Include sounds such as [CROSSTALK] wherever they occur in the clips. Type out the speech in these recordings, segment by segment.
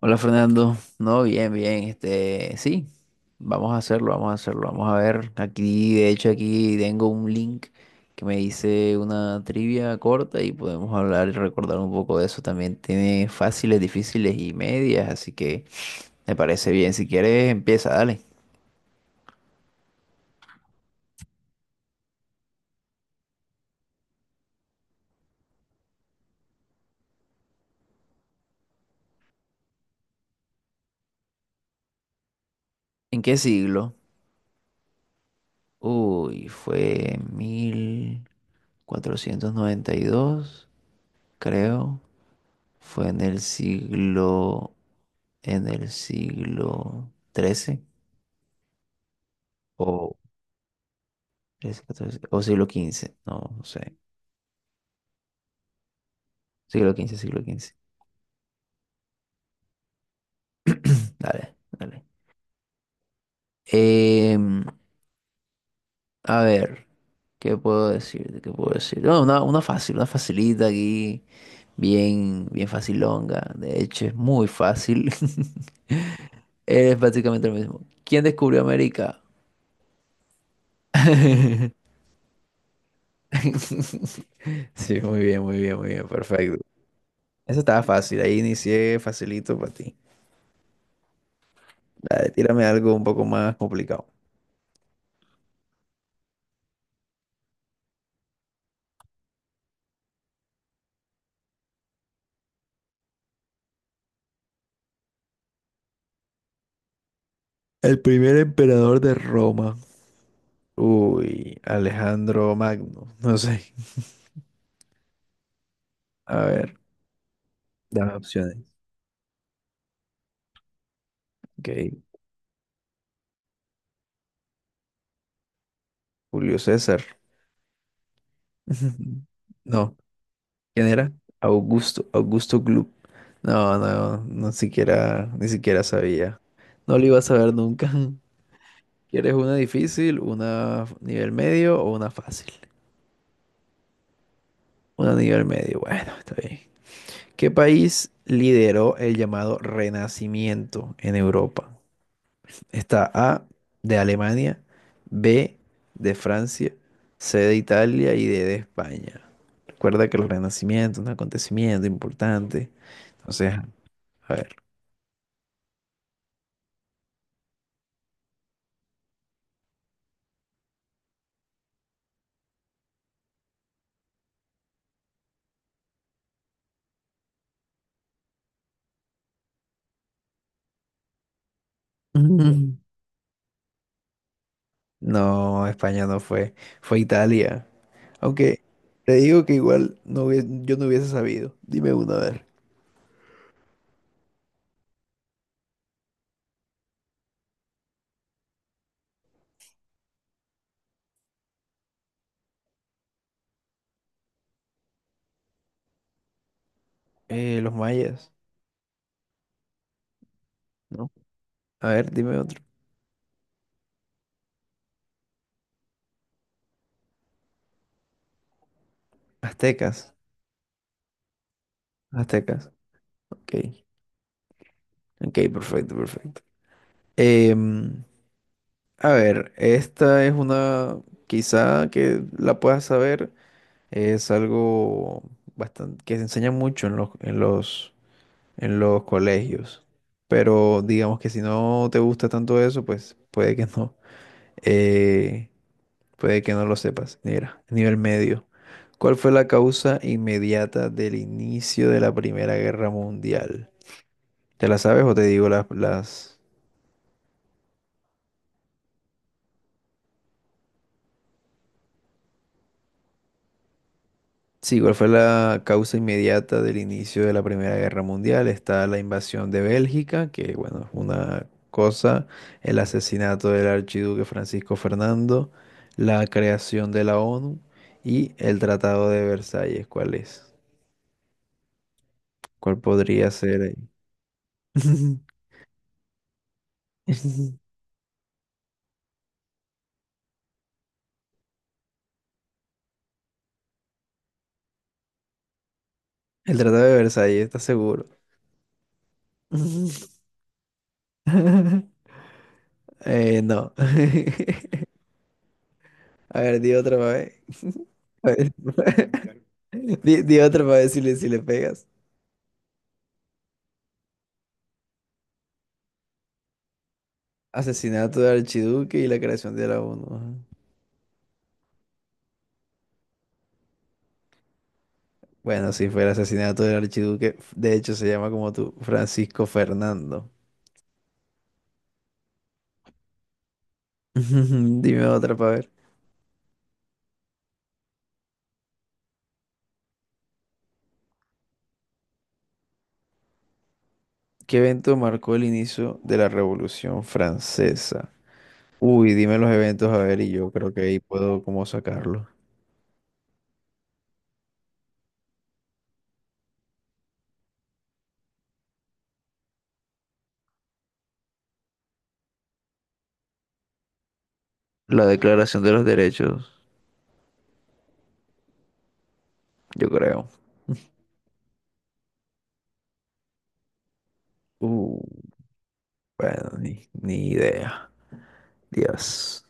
Hola Fernando, no, bien, bien, sí, vamos a hacerlo, vamos a hacerlo, vamos a ver, aquí, de hecho aquí tengo un link que me dice una trivia corta y podemos hablar y recordar un poco de eso, también tiene fáciles, difíciles y medias, así que me parece bien, si quieres empieza, dale. ¿En qué siglo? Uy, fue 1492, creo, fue en el siglo, en el siglo 13. O 13, 14, o siglo quince, no, no sé. Siglo quince, siglo quince. Dale, dale. Em, a ver, ¿qué puedo decir? ¿Qué puedo decir? No, una fácil, una facilita aquí, bien, bien facilonga. De hecho, es muy fácil. [LAUGHS] Es prácticamente lo mismo. ¿Quién descubrió América? [LAUGHS] Sí, muy bien, muy bien, muy bien, perfecto. Eso estaba fácil, ahí inicié facilito para ti. Dale, tírame algo un poco más complicado. El primer emperador de Roma. Uy, Alejandro Magno. [LAUGHS] No sé. A ver, dame opciones. Ok, Julio César. [LAUGHS] No, ¿quién era? Augusto, Augusto Gloop. No, no, no siquiera, ni siquiera sabía. No lo iba a saber nunca. [LAUGHS] ¿Quieres una difícil, nivel medio o una fácil? Una nivel medio, bueno, está bien. ¿Qué país lideró el llamado Renacimiento en Europa? Está A de Alemania, B de Francia, C de Italia y D de España. Recuerda que el Renacimiento es un acontecimiento importante. Entonces, a ver. Ujú. No, España no fue, fue Italia. Aunque te digo que igual yo no hubiese sabido. Dime uno, a ver. Los mayas, ¿no? A ver, dime otro. Aztecas, aztecas. Ok, ok, perfecto, perfecto. Em, A ver, esta es una quizá que la puedas saber, es algo bastante que se enseña mucho en los en los colegios, pero digamos que si no te gusta tanto eso, pues puede que no, eh, puede que no lo sepas. Mira, nivel medio. ¿Cuál fue la causa inmediata del inicio de la Primera Guerra Mundial? ¿Te la sabes o te digo las? Sí, ¿cuál fue la causa inmediata del inicio de la Primera Guerra Mundial? Está la invasión de Bélgica, que bueno, es una cosa, el asesinato del archiduque Francisco Fernando, la creación de la ONU y el Tratado de Versalles. ¿Cuál es? ¿Cuál podría ser ahí? [LAUGHS] El Tratado de Versalles, ¿estás seguro? [LAUGHS] No. [LAUGHS] A ver, di otra vez. [LAUGHS] Di otra para ver si le pegas. Asesinato del Archiduque y la creación de la ONU, ajá. Bueno, si fue el asesinato del Archiduque. De hecho, se llama como tú, Francisco Fernando. [LAUGHS] Dime otra para ver. ¿Qué evento marcó el inicio de la Revolución Francesa? Uy, dime los eventos a ver y yo creo que ahí puedo como sacarlo. La Declaración de los Derechos, yo creo. Uh, bueno, ni idea. Dios.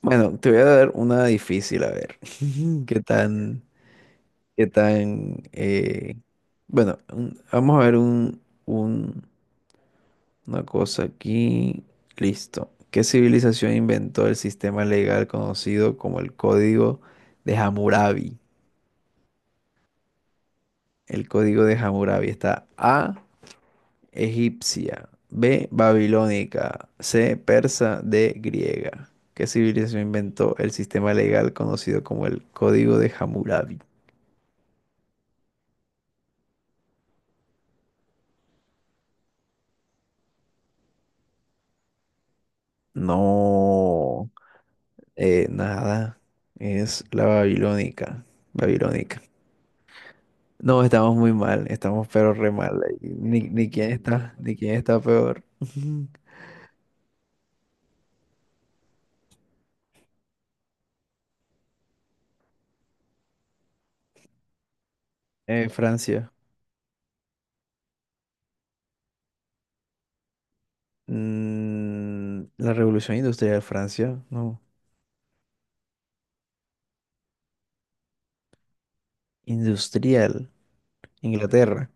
Bueno, te voy a dar una difícil, a ver. [LAUGHS] ¿Qué tan, qué tan... bueno, vamos a ver un- una cosa aquí. Listo. ¿Qué civilización inventó el sistema legal conocido como el Código de Hammurabi? El Código de Hammurabi. Está A, egipcia, B, babilónica, C, persa, D, griega. ¿Qué civilización inventó el sistema legal conocido como el Código de Hammurabi? No. Nada, es la babilónica, babilónica. No, estamos muy mal, estamos pero re mal ahí. Ni quién está, ni quién está peor. [LAUGHS] Francia. Mm, la revolución industrial, Francia, no. Industrial, Inglaterra,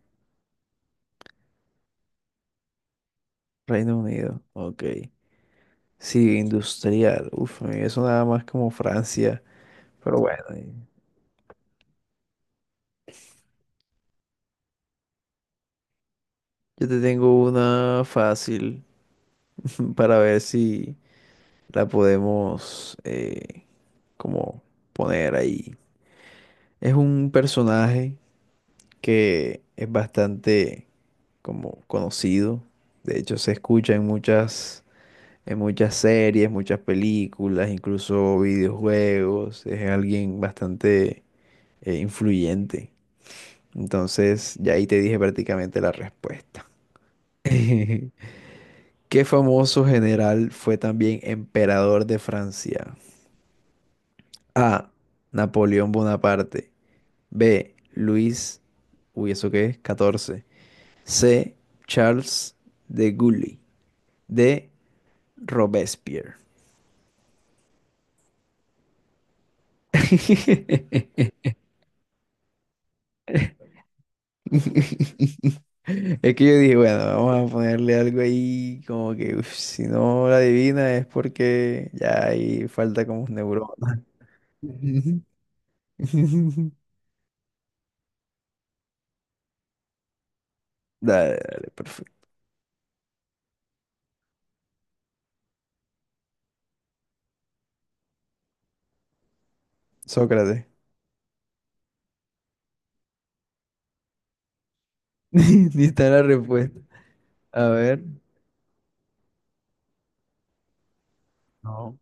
Reino Unido, ok. Sí, industrial, uf, eso nada más como Francia, pero bueno, yo te tengo una fácil [LAUGHS] para ver si la podemos, como poner ahí. Es un personaje que es bastante como conocido. De hecho, se escucha en muchas series, muchas películas, incluso videojuegos. Es alguien bastante, influyente. Entonces, ya ahí te dije prácticamente la respuesta. [LAUGHS] ¿Qué famoso general fue también emperador de Francia? A, Napoleón Bonaparte. B, Luis. Uy, ¿eso qué es? 14. C, Charles de Gaulle. D, Robespierre. [LAUGHS] Es que yo dije, bueno, vamos a ponerle algo ahí, como que uf, si no la adivina es porque ya ahí falta como un neurona. Ujú. [LAUGHS] Dale, dale, perfecto. Sócrates. [LAUGHS] Ni está la respuesta. A ver. No.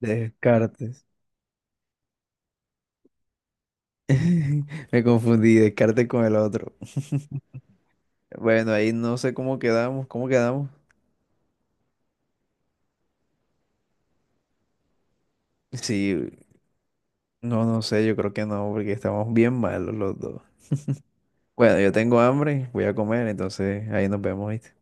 Descartes. [LAUGHS] Me confundí, Descartes con el otro. Bueno, ahí no sé cómo quedamos, ¿cómo quedamos? Sí, no, no sé, yo creo que no, porque estamos bien malos los dos. Bueno, yo tengo hambre, voy a comer, entonces ahí nos vemos, ¿viste?